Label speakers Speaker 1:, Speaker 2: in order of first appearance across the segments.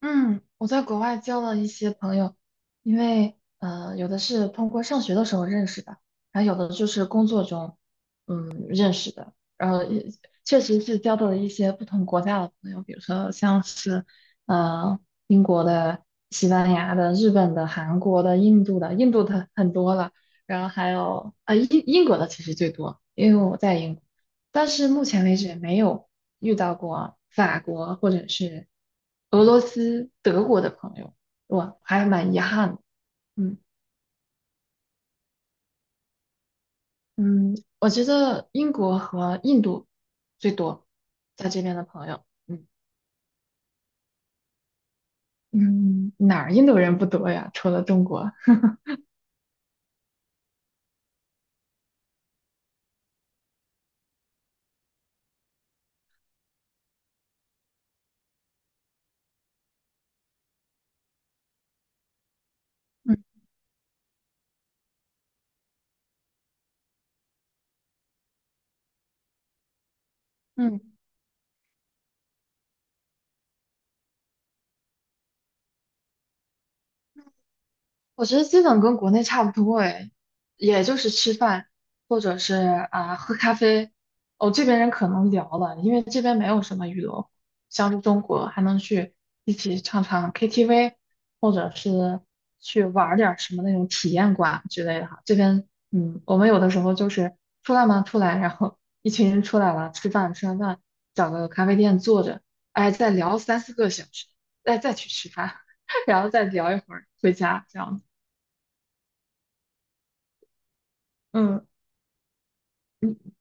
Speaker 1: 嗯，我在国外交了一些朋友。因为有的是通过上学的时候认识的，还有的就是工作中认识的。然后也确实是交到了一些不同国家的朋友，比如说像是呃英国的、西班牙的、日本的、韩国的、印度的。印度的很多了。然后还有英国的其实最多，因为我在英国，但是目前为止没有遇到过法国或者是。俄罗斯、德国的朋友，我还蛮遗憾的。嗯。嗯，我觉得英国和印度最多，在这边的朋友。嗯。嗯，哪儿印度人不多呀？除了中国。嗯。嗯。我觉得基本跟国内差不多诶，也就是吃饭或者是啊喝咖啡。哦，这边人可能聊了，因为这边没有什么娱乐活像是中国还能去一起唱唱 KTV,或者是去玩儿点儿什么那种体验馆之类的哈。这边我们有的时候就是出来嘛，出来，然后一群人出来了，吃完饭，找个咖啡店坐着。哎，再聊三四个小时，再去吃饭，然后再聊一会儿回家这样子。嗯。嗯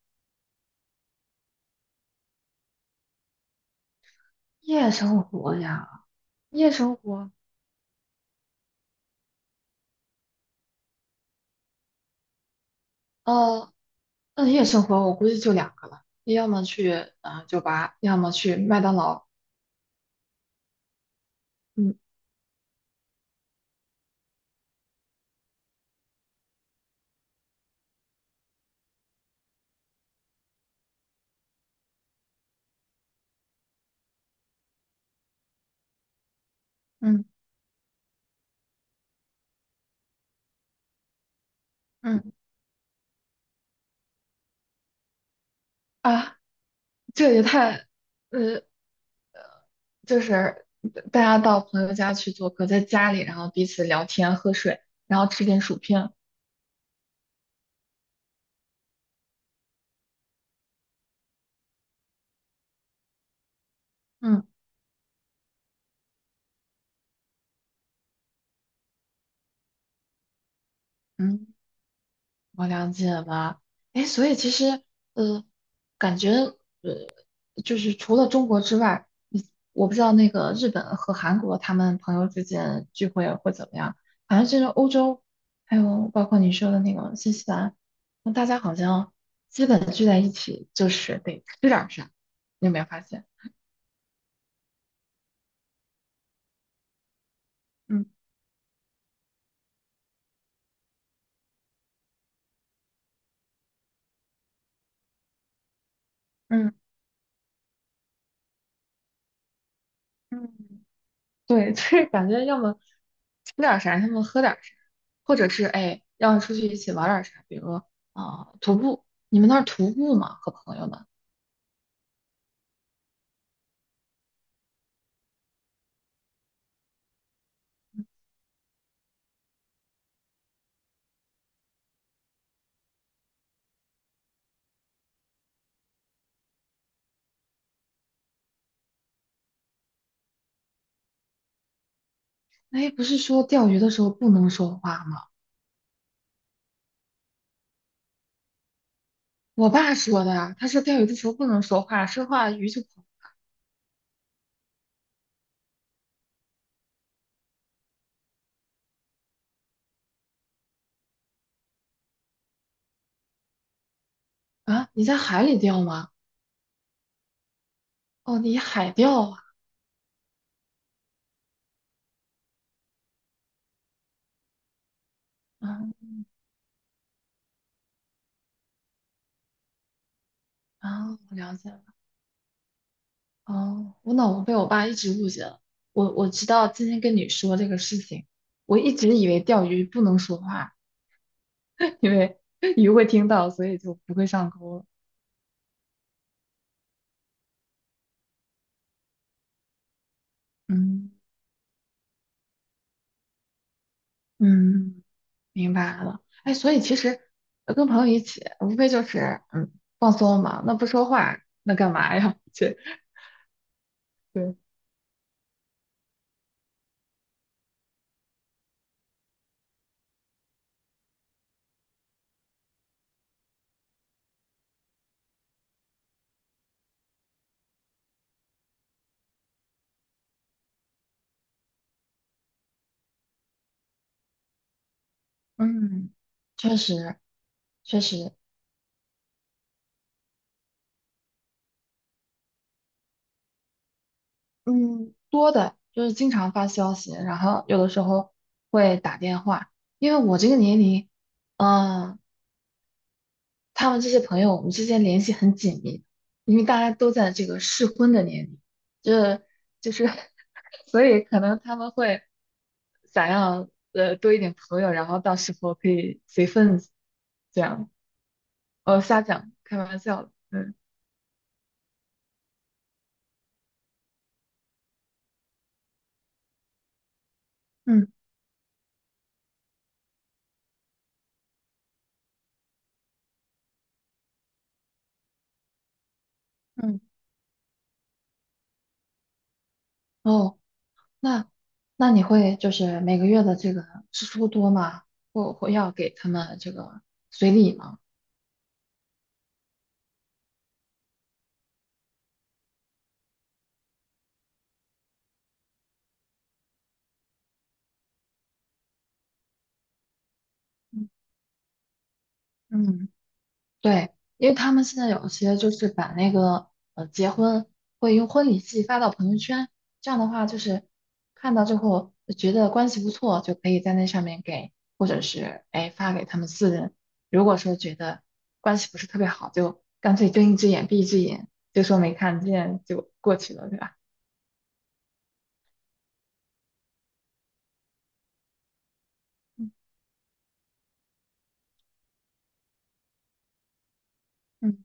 Speaker 1: 夜生活呀，夜生活，呃，那夜生活我估计就两个了，你要么去酒吧，要么去麦当劳。嗯。嗯。嗯，啊，这也太。呃，就是大家到朋友家去做客，在家里，然后彼此聊天、喝水，然后吃点薯片。嗯。嗯，我了解了。哎，所以其实，呃，感觉。就是除了中国之外，我不知道那个日本和韩国他们朋友之间聚会会怎么样。反正就是欧洲，还有包括你说的那个新西兰，那大家好像基本聚在一起就是得吃点儿啥，你有没有发现？嗯。嗯。嗯，对，就是感觉要么吃点儿啥，要么喝点儿啥，或者是哎，要出去一起玩点儿啥，比如啊、徒步，你们那儿徒步吗？和朋友们？哎，不是说钓鱼的时候不能说话吗？我爸说的啊，他说钓鱼的时候不能说话，说话鱼就跑。啊，你在海里钓吗？哦，你海钓啊。嗯。啊，我了解了。哦，我脑子被我爸一直误解了。我知道今天跟你说这个事情，我一直以为钓鱼不能说话，因为鱼会听到，所以就不会上钩了。嗯。嗯，明白了。哎，所以其实跟朋友一起，无非就是嗯放松嘛，那不说话，那干嘛呀？对。嗯，确实。确实。嗯，多的就是经常发消息，然后有的时候会打电话。因为我这个年龄，嗯，他们这些朋友，我们之间联系很紧密，因为大家都在这个适婚的年龄，这就是，所以可能他们会想要多一点朋友，然后到时候可以随份子，这样。瞎讲，开玩笑的。嗯。嗯。嗯，哦。那那你会就是每个月的这个支出多吗？或要给他们这个随礼吗？嗯。嗯，对。因为他们现在有些就是把那个结婚会用婚礼季发到朋友圈，这样的话就是看到之后觉得关系不错，就可以在那上面给，或者是哎发给他们四人。如果说觉得关系不是特别好，就干脆睁一只眼闭一只眼，就说没看见就过去了，对吧？嗯。嗯。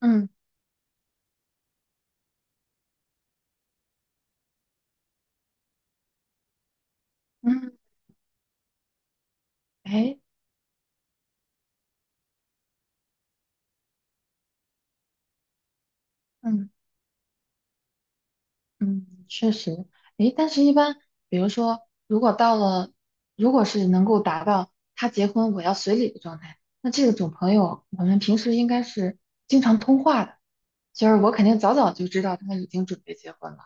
Speaker 1: 嗯。嗯，哎。嗯。嗯，确实。哎，但是一般，比如说，如果到了，如果是能够达到他结婚我要随礼的状态，那这种朋友，我们平时应该是经常通话的，就是我肯定早早就知道他已经准备结婚了。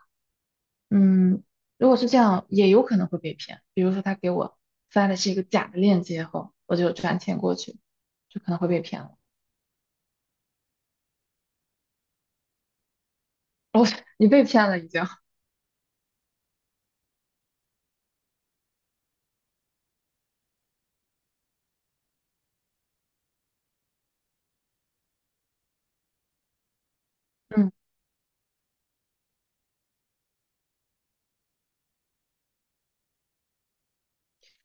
Speaker 1: 嗯，如果是这样，也有可能会被骗。比如说他给我发的是一个假的链接后，我就转钱过去，就可能会被骗了。哦，你被骗了已经。嗯，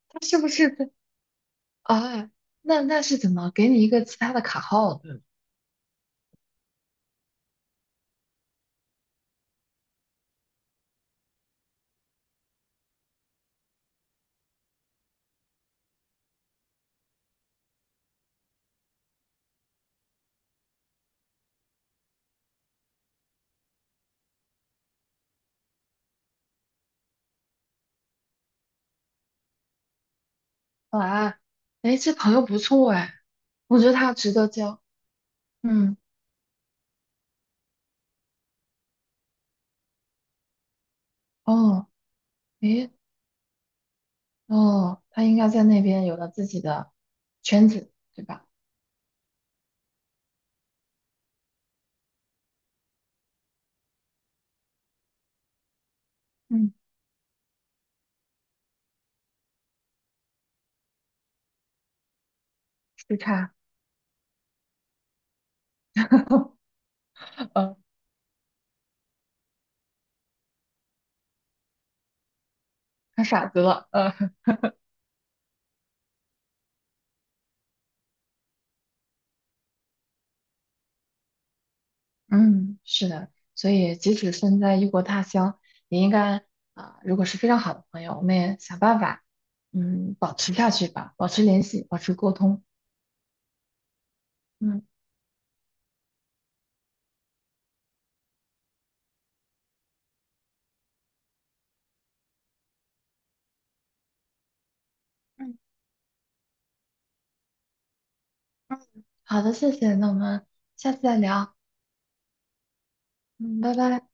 Speaker 1: 他是不是？啊，那是怎么给你一个其他的卡号的？哇，哎，这朋友不错哎。我觉得他值得交。嗯。哦。诶。哦，他应该在那边有了自己的圈子，对吧？嗯，是差，呃，他傻子了。嗯，是的，所以即使身在异国他乡，也应该啊、如果是非常好的朋友，我们也想办法。嗯，保持下去吧，保持联系，保持沟通。嗯。嗯。嗯，好的，谢谢，那我们下次再聊。嗯，拜拜。